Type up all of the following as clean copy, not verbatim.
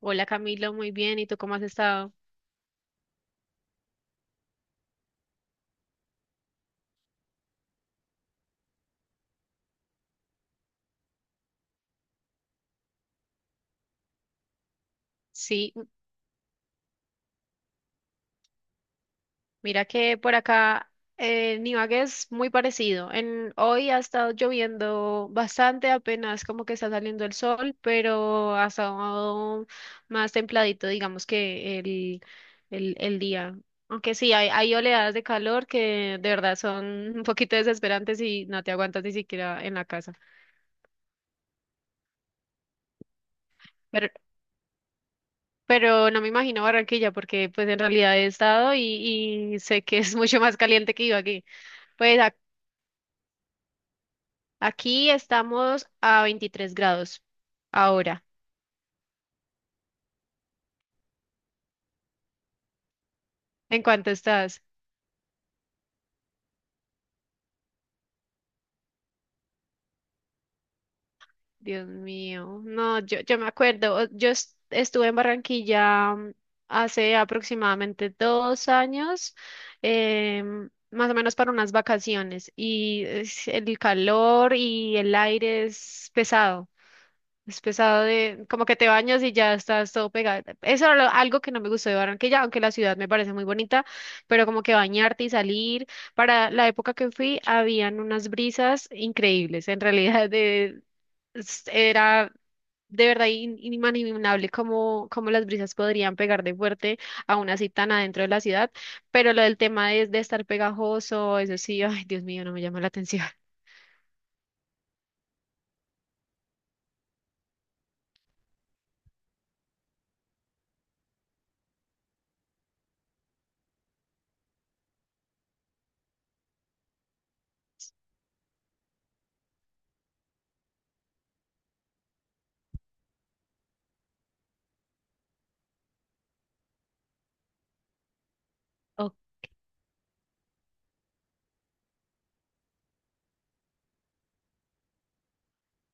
Hola Camilo, muy bien. ¿Y tú cómo has estado? Sí, mira que por acá en Ibagué es muy parecido. Hoy ha estado lloviendo bastante, apenas como que está saliendo el sol, pero ha estado más templadito, digamos que el día. Aunque sí, hay oleadas de calor que de verdad son un poquito desesperantes y no te aguantas ni siquiera en la casa. Pero no me imagino Barranquilla porque pues en realidad he estado y sé que es mucho más caliente que aquí. Pues ac- Aquí estamos a 23 grados ahora. ¿En cuánto estás? Dios mío. No, yo me acuerdo. Yo estuve en Barranquilla hace aproximadamente 2 años, más o menos para unas vacaciones y el calor y el aire es pesado. Es pesado de, como que te bañas y ya estás todo pegado. Eso era algo que no me gustó de Barranquilla, aunque la ciudad me parece muy bonita, pero como que bañarte y salir. Para la época que fui, habían unas brisas increíbles. En realidad, de, era de verdad inimaginable cómo las brisas podrían pegar de fuerte, aún así tan adentro de la ciudad. Pero lo del tema de estar pegajoso, eso sí, ay, Dios mío, no me llama la atención.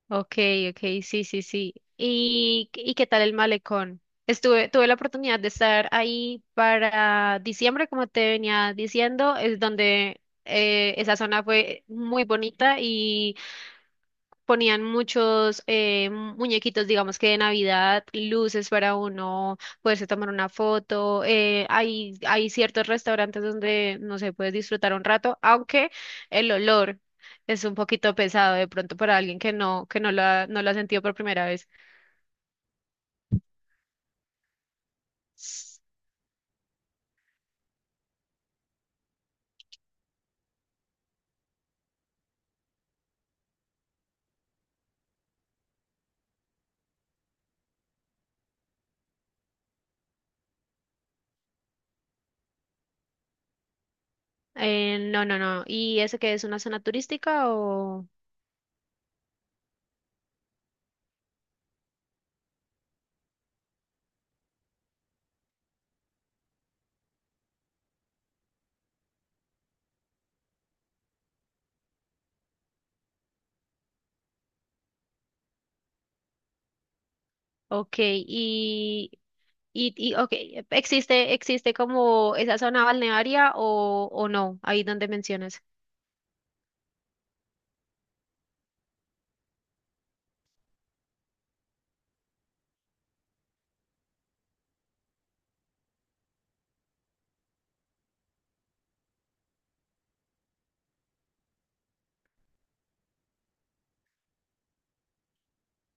Okay, okay, sí, sí, sí. ¿ y qué tal el malecón? Estuve, tuve la oportunidad de estar ahí para diciembre, como te venía diciendo, es donde esa zona fue muy bonita. Ponían muchos muñequitos, digamos que de Navidad, luces para uno poderse tomar una foto. Hay ciertos restaurantes donde, no sé, puedes disfrutar un rato, aunque el olor es un poquito pesado de pronto para alguien que no no lo ha sentido por primera vez. S- no, no, no. ¿Y eso qué es una zona turística o...? Ok, y ok, ¿ existe como esa zona balnearia o no? Ahí donde mencionas.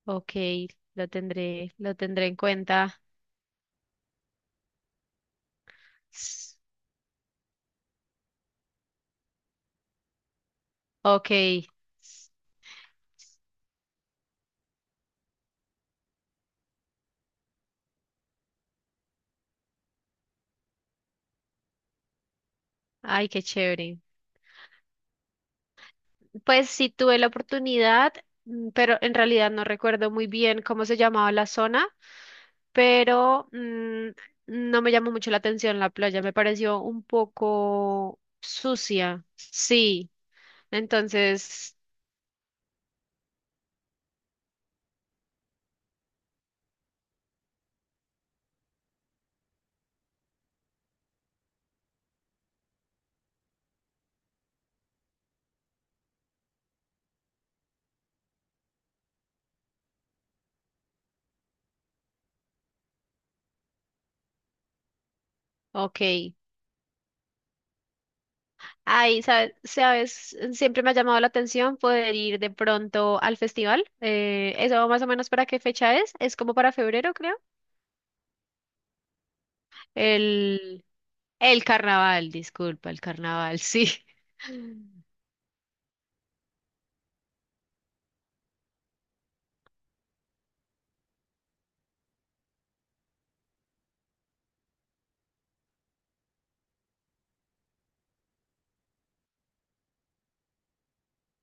Ok, lo tendré en cuenta. S- Ok, s- ay, qué chévere. Pues sí tuve la oportunidad, pero en realidad no recuerdo muy bien cómo se llamaba la zona, pero no me llamó mucho la atención la playa, me pareció un poco sucia. Sí, entonces, ok. Ay, sabes, siempre me ha llamado la atención poder ir de pronto al festival. ¿Eso más o menos para qué fecha es? Es como para febrero, creo. El, el carnaval, disculpa, el carnaval, sí.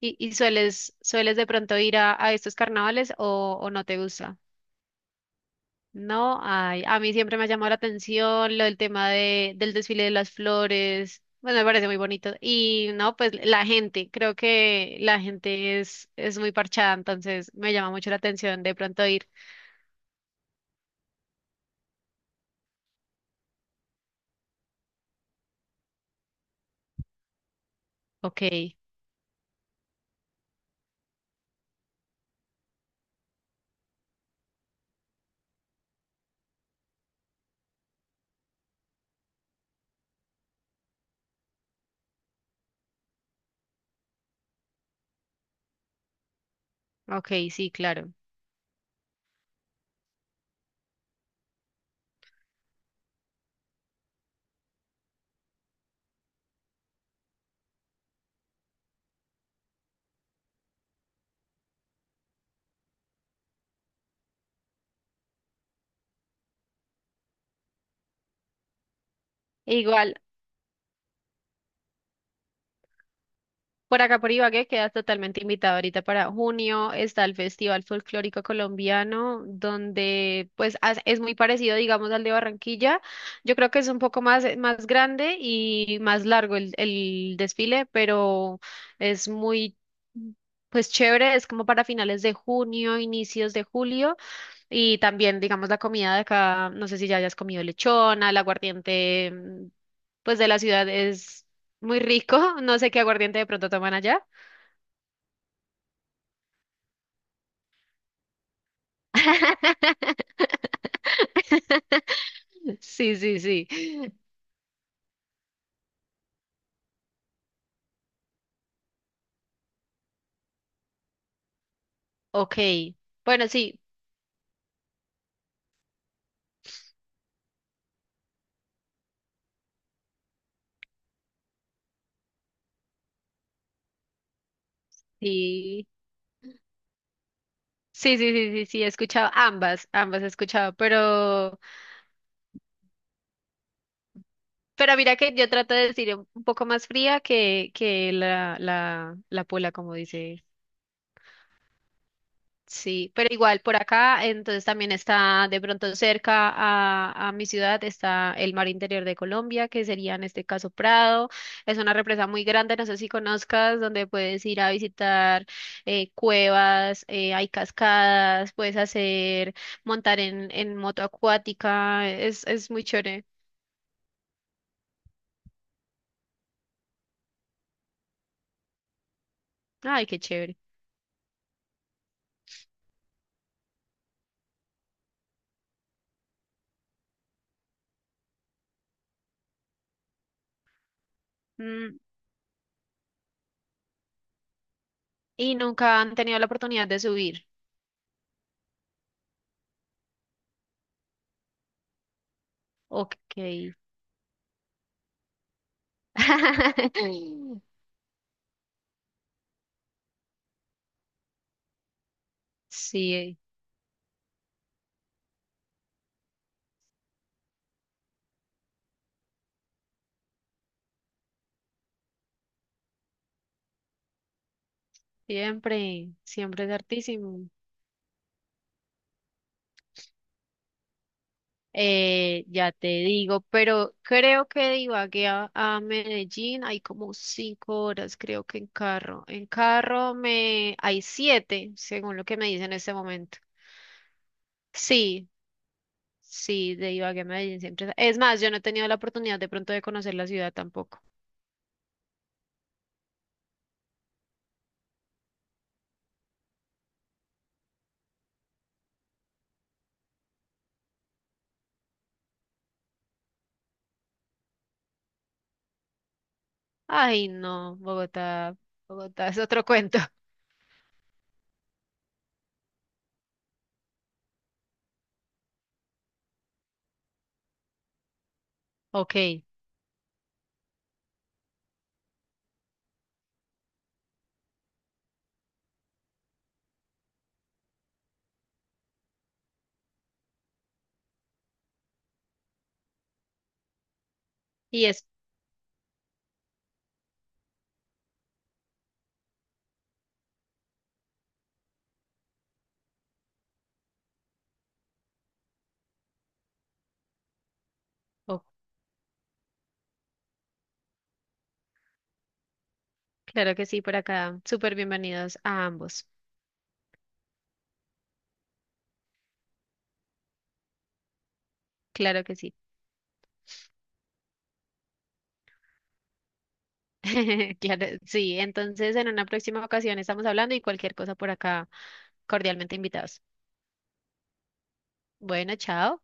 ¿ sueles de pronto ir a estos carnavales o no te gusta? No hay. A mí siempre me ha llamado la atención lo del tema del desfile de las flores. Bueno, me parece muy bonito. Y no, pues la gente, creo que la gente es muy parchada, entonces me llama mucho la atención de pronto ir. Ok, ok, sí, claro. Igual. Por acá por Ibagué quedas totalmente invitado ahorita para junio. Está el Festival Folclórico Colombiano, donde pues es muy parecido, digamos, al de Barranquilla. Yo creo que es un poco más, más grande y más largo el desfile, pero es muy, pues chévere. Es como para finales de junio, inicios de julio. Y también, digamos, la comida de acá, no sé si ya hayas comido lechona, el aguardiente, pues de la ciudad es muy rico. No sé qué aguardiente de pronto toman allá. Sí, sí, sí. Ok. Bueno, sí, sí. Sí, sí, sí, sí, sí, he escuchado ambas, ambas he escuchado, pero mira que yo trato de decir un poco más fría que la pola, como dice. Sí, pero igual por acá, entonces también está de pronto cerca a mi ciudad, está el Mar Interior de Colombia, que sería en este caso Prado. Es una represa muy grande, no sé si conozcas, donde puedes ir a visitar cuevas, hay cascadas, puedes hacer, montar en moto acuática, es muy chévere. Ay, qué chévere. Mm, y nunca han tenido la oportunidad de subir. Ok. Sí, siempre, siempre es hartísimo. Ya te digo, pero creo que de Ibagué a Medellín hay como 5 horas, creo que en carro. En carro me hay siete, según lo que me dice en este momento. Sí, sí, de Ibagué a Medellín siempre. Es más, yo no he tenido la oportunidad de pronto de conocer la ciudad tampoco. Ay, no, Bogotá, Bogotá es otro cuento. Ok, y es, oh, claro que sí, por acá. Súper bienvenidos a ambos. Claro que sí. Claro, sí, entonces en una próxima ocasión estamos hablando y cualquier cosa por acá, cordialmente invitados. Bueno, chao.